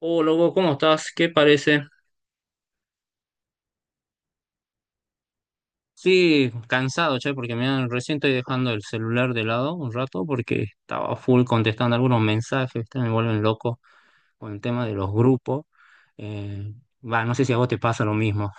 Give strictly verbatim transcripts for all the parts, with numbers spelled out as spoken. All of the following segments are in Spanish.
Oh, loco, ¿cómo estás? ¿Qué parece? Sí, cansado, che, porque me recién estoy dejando el celular de lado un rato porque estaba full contestando algunos mensajes, ¿viste? Me vuelven loco con el tema de los grupos. Eh, Va, no sé si a vos te pasa lo mismo.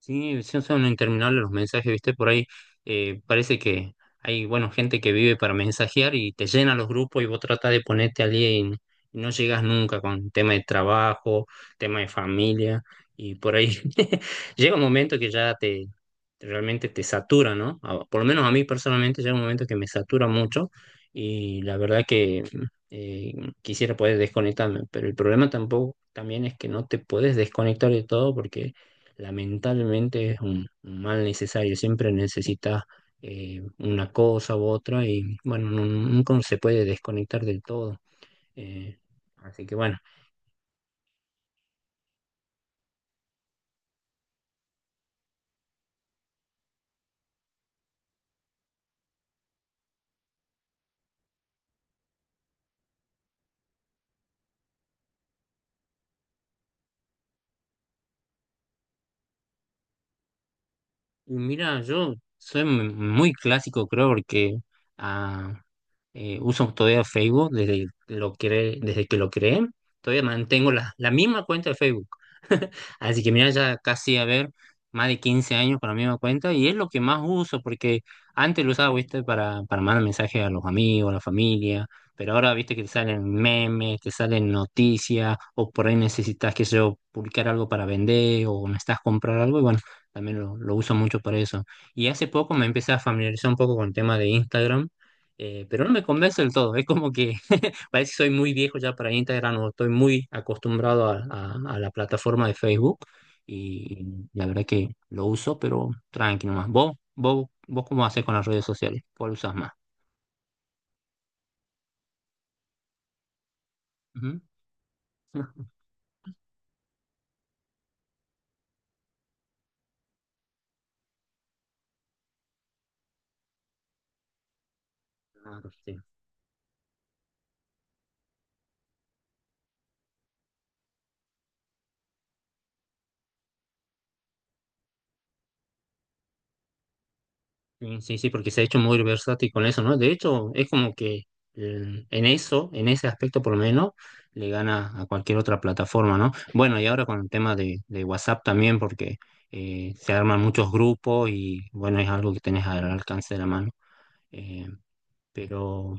Sí, sí, son interminables los mensajes, ¿viste? Por ahí eh, parece que hay, bueno, gente que vive para mensajear y te llena los grupos y vos tratás de ponerte al día y, n- y no llegas nunca con tema de trabajo, tema de familia y por ahí llega un momento que ya te realmente te satura, ¿no? A- Por lo menos a mí personalmente llega un momento que me satura mucho y la verdad que eh, quisiera poder desconectarme, pero el problema tampoco también es que no te puedes desconectar de todo porque lamentablemente es un, un mal necesario, siempre necesitas eh, una cosa u otra y bueno, nu- nunca se puede desconectar del todo. eh, Así que bueno, y mira, yo soy m- muy clásico creo porque ah, eh, uso todavía Facebook desde que lo cre- desde que lo creé, todavía mantengo la, la misma cuenta de Facebook. Así que mira, ya casi a ver, más de quince años con la misma cuenta y es lo que más uso porque antes lo usaba, viste, para, para mandar mensajes a los amigos, a la familia, pero ahora, viste, que te salen memes, te salen noticias o por ahí necesitas, que sé yo, publicar algo para vender o necesitas comprar algo y bueno, también lo, lo uso mucho para eso. Y hace poco me empecé a familiarizar un poco con el tema de Instagram, eh, pero no me convence del todo. Es como que parece que soy muy viejo ya para Instagram o estoy muy acostumbrado a, a- a la plataforma de Facebook, y la verdad que lo uso, pero tranqui nomás. ¿Vos, vos, vos cómo haces con las redes sociales? ¿Cuál usas más? Ujú. Claro, sí. Sí, sí, sí, porque se ha hecho muy versátil con eso, ¿no? De hecho, es como que eh, en eso, en ese aspecto por lo menos, le gana a cualquier otra plataforma, ¿no? Bueno, y ahora con el tema de, de WhatsApp también, porque eh, se arman muchos grupos y bueno, es algo que tenés al alcance de la mano. Eh, pero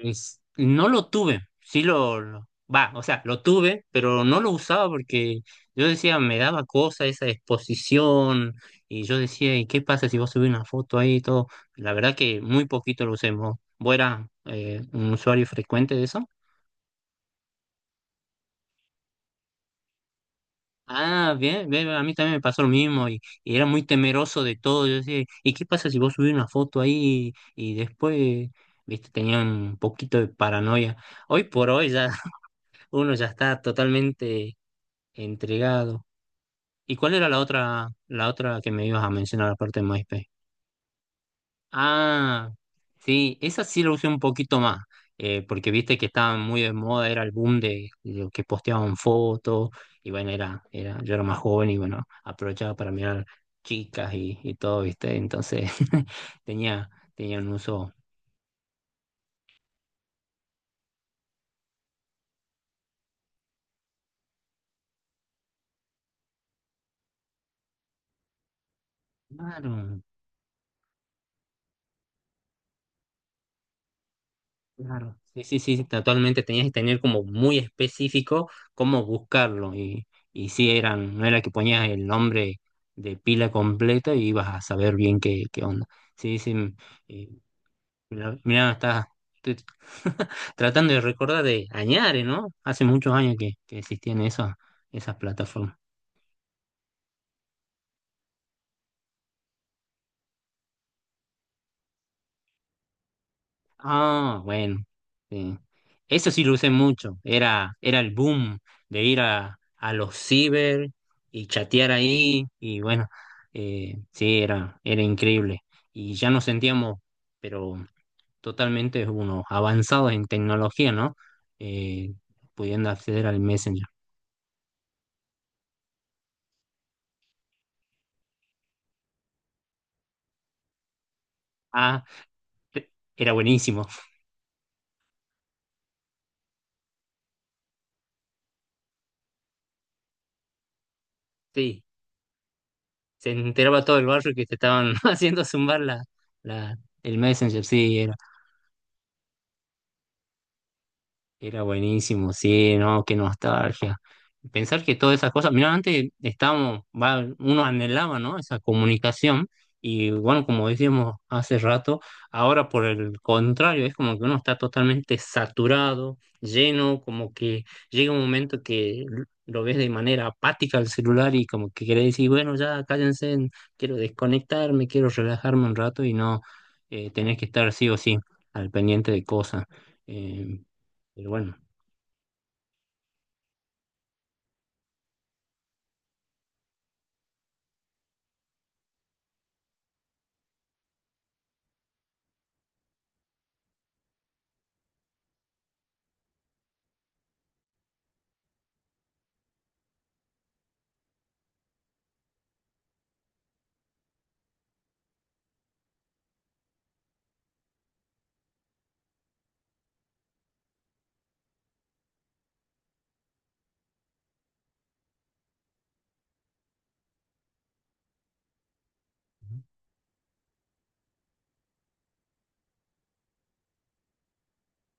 Es- no lo tuve, sí lo, lo- va, o sea, lo tuve, pero no lo usaba porque yo decía, me daba cosa esa exposición y yo decía, ¿y qué pasa si vos subís una foto ahí y todo? La verdad que muy poquito lo usemos. ¿Vos eras, eh, un usuario frecuente de eso? Ah, bien, bien, a mí también me pasó lo mismo y, y era muy temeroso de todo. Yo decía, ¿y qué pasa si vos subís una foto ahí y, después, viste, tenía un poquito de paranoia? Hoy por hoy ya uno ya está totalmente entregado. ¿Y cuál era la otra, la otra que me ibas a mencionar aparte de MySpace? Ah, sí, esa sí la usé un poquito más, eh, porque viste que estaba muy de moda, era el boom de, de lo que posteaban fotos, y bueno, era, era, yo era más joven y bueno, aprovechaba para mirar chicas y, y todo, ¿viste? Entonces tenía, tenía un uso claro. Claro. Sí, sí, sí, totalmente tenías que tener como muy específico cómo buscarlo y, y sí eran, no era que ponías el nombre de pila completa y ibas a saber bien qué, qué onda. Sí, sí, m- eh, mira, mira, está, estoy tratando de recordar de Añare, ¿no? Hace muchos años que, que existían esas, esas plataformas. Ah, bueno, sí. Eso sí lo usé mucho. Era, era el boom de ir a, a los ciber y chatear ahí. Y bueno, eh, sí, era, era increíble. Y ya nos sentíamos, pero totalmente unos avanzados en tecnología, ¿no? Eh, Pudiendo acceder al Messenger. Ah, e, era buenísimo. Sí, se enteraba todo el barrio que te estaban haciendo zumbar la, la, el Messenger. Sí, era buenísimo, sí, no, qué nostalgia. Pensar que todas esas cosas, mira, antes estábamos, va, uno anhelaba, ¿no? Esa comunicación y bueno, como decíamos hace rato, ahora por el contrario, es como que uno está totalmente saturado, lleno, como que llega un momento que lo ves de manera apática al celular y como que querés decir, bueno, ya cállense, quiero desconectarme, quiero relajarme un rato y no, eh, tenés que estar sí o sí al pendiente de cosas. Eh, pero bueno,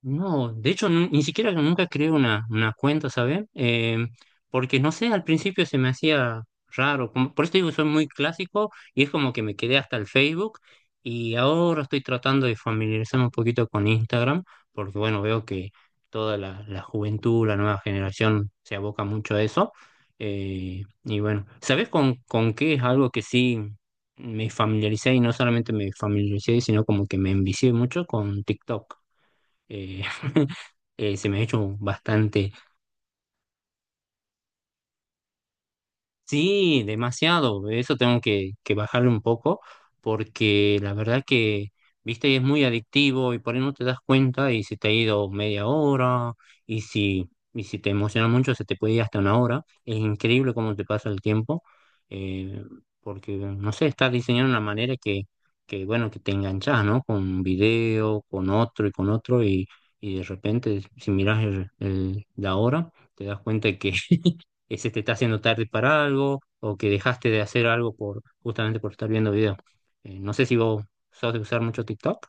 no, de hecho nu- ni siquiera nunca creé una, una cuenta, ¿sabes? Eh, porque no sé, al principio se me hacía raro, como, por eso te digo, soy muy clásico y es como que me quedé hasta el Facebook y ahora estoy tratando de familiarizarme un poquito con Instagram, porque bueno, veo que toda la, la juventud, la nueva generación se aboca mucho a eso. Eh, y bueno, ¿sabes con, con qué es algo que sí me familiaricé y no solamente me familiaricé, sino como que me envicié mucho con TikTok? eh, eh, Se me ha hecho bastante. Sí, demasiado. Eso tengo que, que bajarle un poco porque la verdad que, viste, es muy adictivo y por ahí no te das cuenta y se te ha ido media hora y si, y si te emociona mucho se te puede ir hasta una hora. Es increíble cómo te pasa el tiempo, eh, porque, no sé, estás diseñado de una manera que, que, bueno, que te enganchas, ¿no? Con un video, con otro y con otro y, y de repente si miras el- el- la hora te das cuenta que que se te está haciendo tarde para algo o que dejaste de hacer algo por justamente por estar viendo video. Eh, no sé si vos sos de usar mucho TikTok.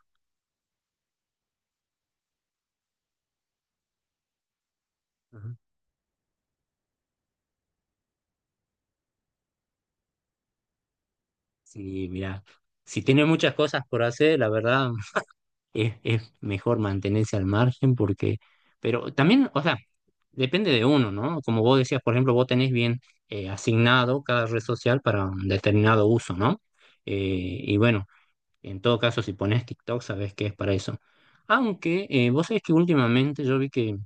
Ajá. Sí, mira, si tienes muchas cosas por hacer, la verdad es, es mejor mantenerse al margen porque, pero también, o sea, depende de uno, ¿no? Como vos decías, por ejemplo, vos tenés bien, eh, asignado cada red social para un determinado uso, ¿no? Eh, y bueno, en todo caso, si pones TikTok, sabes que es para eso. Aunque, eh, vos sabés que últimamente yo vi que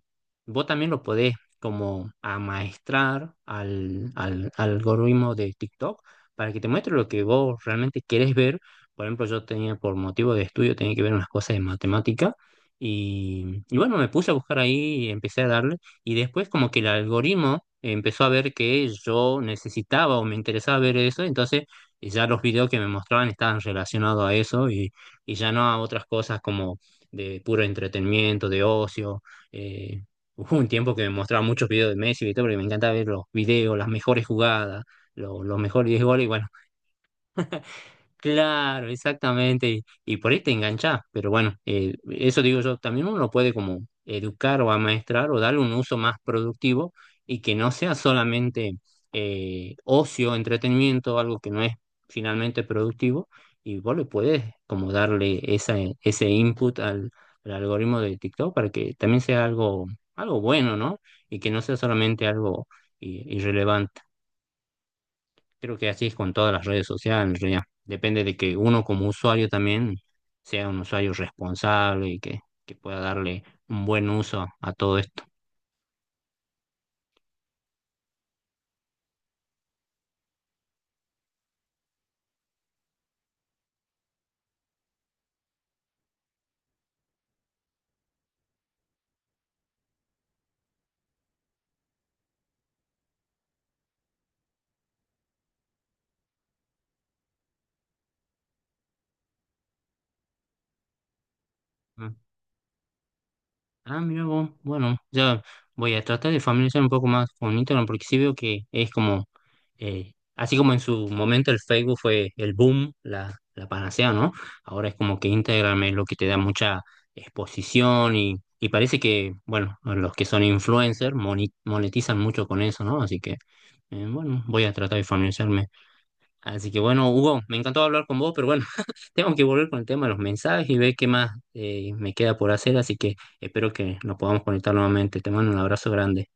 vos también lo podés como amaestrar al, al algoritmo de TikTok para que te muestre lo que vos realmente querés ver. Por ejemplo, yo tenía por motivo de estudio, tenía que ver unas cosas de matemática y, y bueno, me puse a buscar ahí y empecé a darle y después como que el algoritmo empezó a ver que yo necesitaba o me interesaba ver eso, entonces y ya los videos que me mostraban estaban relacionados a eso y, y ya no a otras cosas como de puro entretenimiento, de ocio. eh, Hubo un tiempo que me mostraba muchos videos de Messi y todo, porque me encanta ver los videos, las mejores jugadas, lo- los mejores diez goles y bueno, claro, exactamente. Y, y por ahí te enganchás. Pero bueno, eh, eso digo yo, también uno puede como educar o amaestrar o darle un uso más productivo y que no sea solamente, eh, ocio, entretenimiento, algo que no es finalmente productivo. Y vos le podés como darle esa, ese input al, al algoritmo de TikTok para que también sea algo, algo bueno, ¿no? Y que no sea solamente algo, i- irrelevante. Creo que así es con todas las redes sociales, ya. Depende de que uno como usuario también sea un usuario responsable y que, que pueda darle un buen uso a todo esto. Ah, ah, mira vos, bueno, ya voy a tratar de familiarizar un poco más con Instagram porque sí veo que es como, eh, así como en su momento el Facebook fue el boom, la, la panacea, ¿no? Ahora es como que Instagram es lo que te da mucha exposición y, y parece que, bueno, los que son influencers moni- monetizan mucho con eso, ¿no? Así que... Eh, bueno, voy a tratar de familiarizarme. Así que bueno, Hugo, me encantó hablar con vos, pero bueno, tengo que volver con el tema de los mensajes y ver qué más, eh, me queda por hacer, así que espero que nos podamos conectar nuevamente. Te mando un abrazo grande.